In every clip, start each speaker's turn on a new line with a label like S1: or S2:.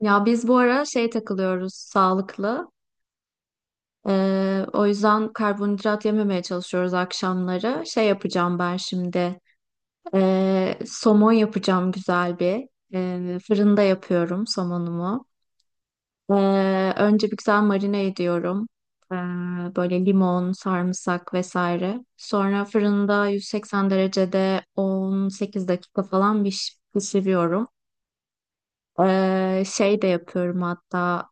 S1: Ya biz bu ara şey takılıyoruz sağlıklı. O yüzden karbonhidrat yememeye çalışıyoruz akşamları. Şey yapacağım ben şimdi. Somon yapacağım güzel bir. Fırında yapıyorum somonumu. Önce bir güzel marine ediyorum. Ee, Böyle limon, sarımsak vesaire. Sonra fırında 180 derecede 18 dakika falan pişiriyorum. Şey de yapıyorum hatta.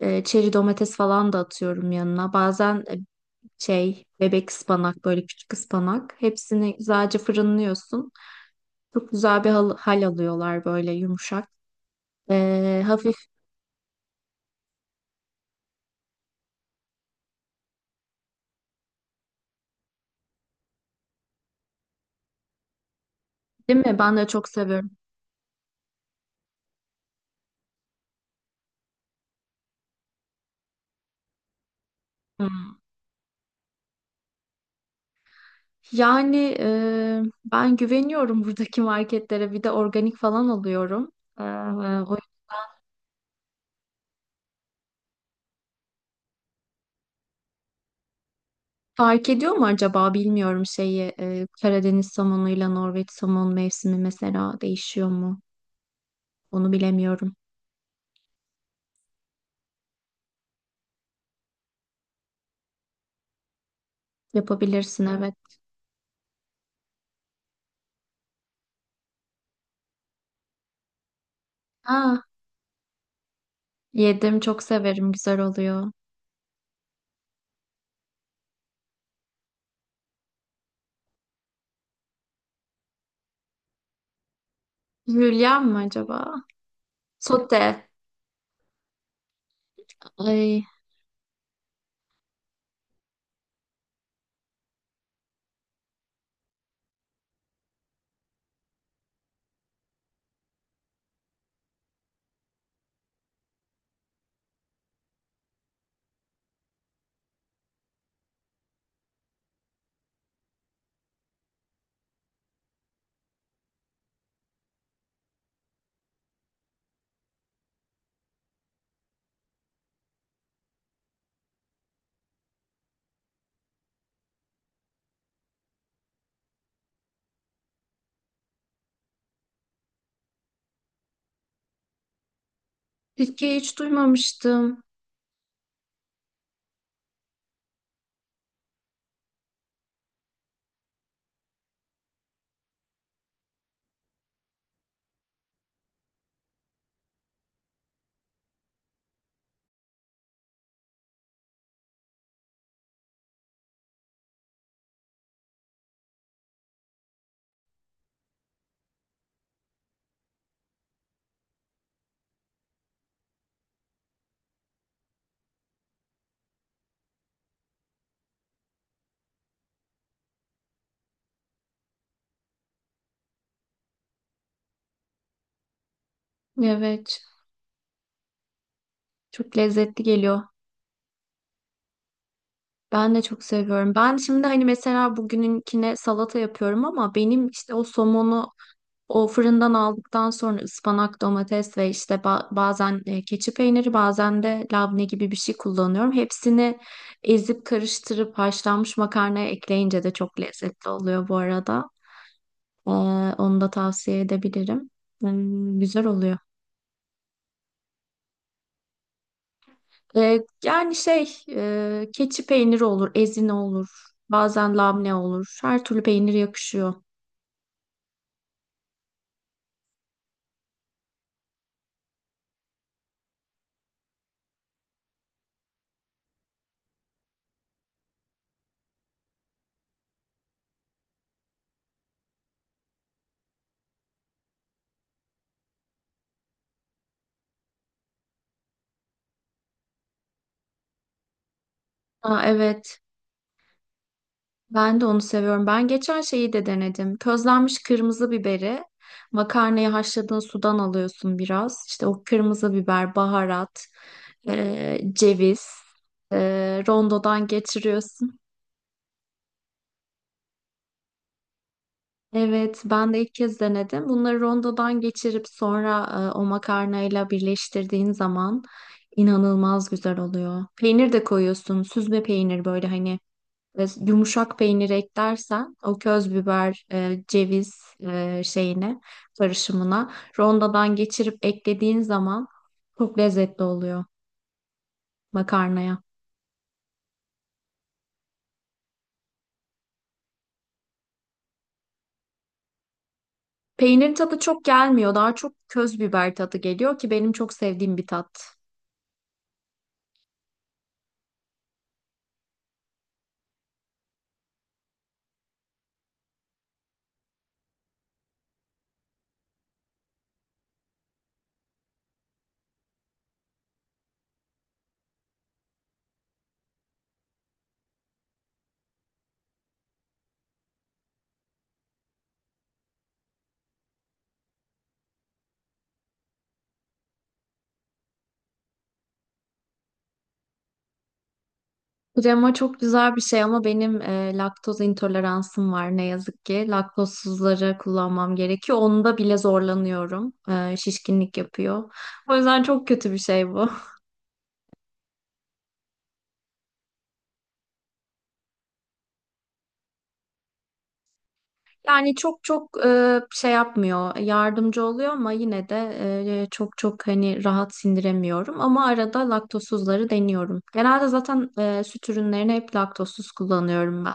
S1: Çeri domates falan da atıyorum yanına. Bazen şey bebek ıspanak, böyle küçük ıspanak. Hepsini güzelce fırınlıyorsun. Çok güzel bir hal alıyorlar, böyle yumuşak. Hafif, değil mi? Ben de çok seviyorum. Hmm. Yani ben güveniyorum buradaki marketlere. Bir de organik falan alıyorum. E, O fark ediyor mu acaba, bilmiyorum şeyi. E, Karadeniz somonuyla Norveç somon mevsimi mesela değişiyor mu? Onu bilemiyorum. Yapabilirsin, evet. Aa, yedim, çok severim, güzel oluyor. Hülya mı acaba? Sote. Ay, Türkiye hiç duymamıştım. Evet, çok lezzetli geliyor. Ben de çok seviyorum. Ben şimdi hani mesela bugününkine salata yapıyorum ama benim işte o somonu, o fırından aldıktan sonra ıspanak, domates ve işte bazen keçi peyniri, bazen de labne gibi bir şey kullanıyorum. Hepsini ezip karıştırıp haşlanmış makarnaya ekleyince de çok lezzetli oluyor bu arada. Ee, Onu da tavsiye edebilirim. Hmm, güzel oluyor. Ee, Yani şey, keçi peyniri olur, ezine olur, bazen labne olur. Her türlü peynir yakışıyor. Aa, evet, ben de onu seviyorum. Ben geçen şeyi de denedim. Közlenmiş kırmızı biberi, makarnayı haşladığın sudan alıyorsun biraz. İşte o kırmızı biber, baharat, ceviz, rondodan geçiriyorsun. Evet, ben de ilk kez denedim. Bunları rondodan geçirip sonra o makarnayla birleştirdiğin zaman inanılmaz güzel oluyor. Peynir de koyuyorsun, süzme peynir böyle hani, yumuşak peynir eklersen o köz biber, ceviz şeyine, karışımına rondodan geçirip eklediğin zaman çok lezzetli oluyor makarnaya. Peynir tadı çok gelmiyor. Daha çok köz biber tadı geliyor ki benim çok sevdiğim bir tat. Krema çok güzel bir şey ama benim laktoz intoleransım var, ne yazık ki. Laktozsuzları kullanmam gerekiyor. Onda bile zorlanıyorum. Şişkinlik yapıyor. O yüzden çok kötü bir şey bu. Yani çok şey yapmıyor, yardımcı oluyor ama yine de çok hani rahat sindiremiyorum. Ama arada laktozsuzları deniyorum. Genelde zaten süt ürünlerini hep laktozsuz kullanıyorum ben.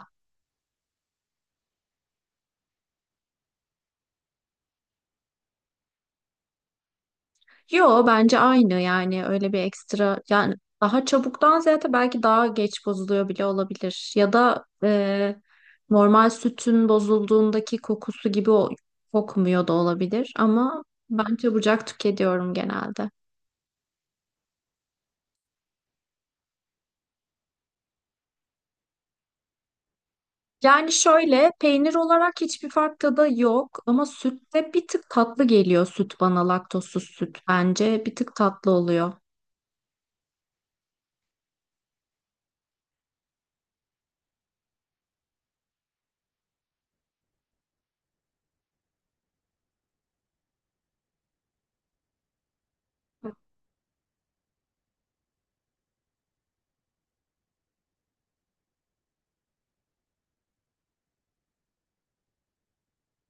S1: Yo, bence aynı, yani öyle bir ekstra, yani daha çabuktan ziyade belki daha geç bozuluyor bile olabilir. Ya da normal sütün bozulduğundaki kokusu gibi o kokmuyor da olabilir ama ben çabucak tüketiyorum genelde. Yani şöyle, peynir olarak hiçbir fark tadı yok ama sütte bir tık tatlı geliyor süt bana, laktozsuz süt bence bir tık tatlı oluyor.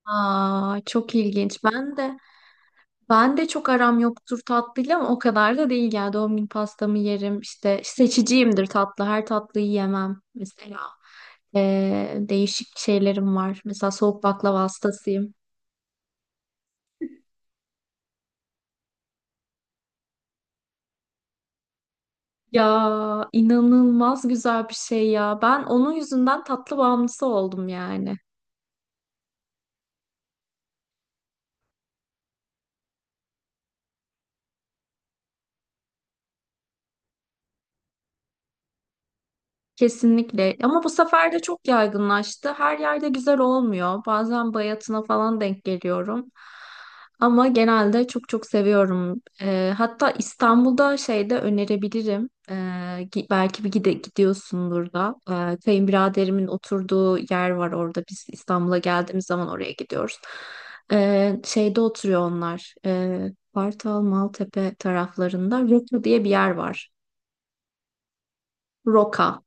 S1: Aa, çok ilginç. Ben de çok aram yoktur tatlıyla ama o kadar da değil, yani doğum günü pastamı yerim, işte seçiciyimdir tatlı, her tatlıyı yemem mesela. Değişik şeylerim var. Mesela soğuk baklava hastasıyım. Ya, inanılmaz güzel bir şey ya. Ben onun yüzünden tatlı bağımlısı oldum yani. Kesinlikle. Ama bu sefer de çok yaygınlaştı. Her yerde güzel olmuyor. Bazen bayatına falan denk geliyorum. Ama genelde çok çok seviyorum. Hatta İstanbul'da şeyde önerebilirim. Belki bir gide gidiyorsundur da. Kayınbiraderimin oturduğu yer var orada. Biz İstanbul'a geldiğimiz zaman oraya gidiyoruz. Şeyde oturuyor onlar. Kartal, Maltepe taraflarında. Roka diye bir yer var. Roka.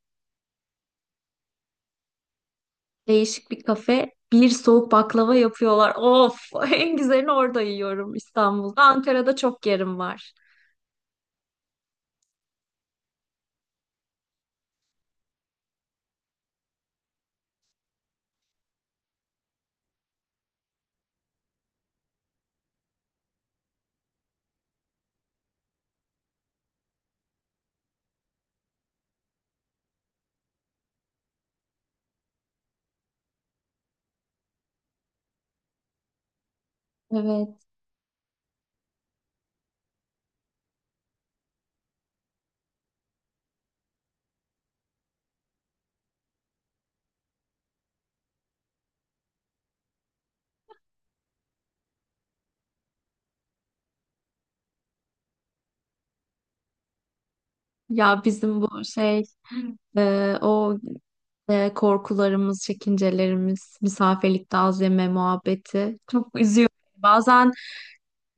S1: Değişik bir kafe. Bir soğuk baklava yapıyorlar. Of, en güzelini orada yiyorum İstanbul'da. Ankara'da çok yerim var. Evet. Ya bizim bu şey, o korkularımız, çekincelerimiz, misafirlikte azleme muhabbeti çok üzüyor. Bazen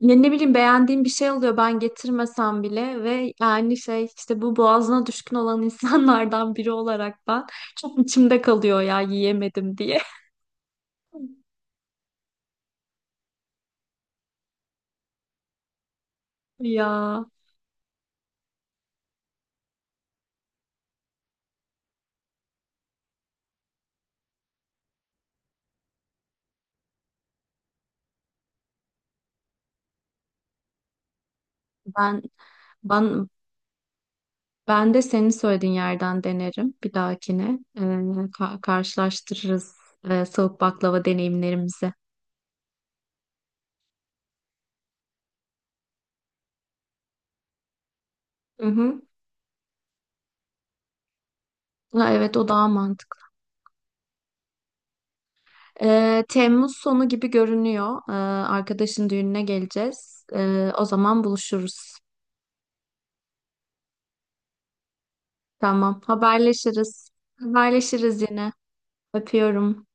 S1: ne bileyim, beğendiğim bir şey oluyor, ben getirmesem bile ve yani şey işte, bu boğazına düşkün olan insanlardan biri olarak ben çok içimde kalıyor ya, yiyemedim diye. Ya. Ben ben ben de senin söylediğin yerden denerim bir dahakine. Karşılaştırırız soğuk baklava deneyimlerimizi. Hı hı. Ha, evet, o daha mantıklı. Temmuz sonu gibi görünüyor. Arkadaşın düğününe geleceğiz. O zaman buluşuruz. Tamam, haberleşiriz. Haberleşiriz yine. Öpüyorum.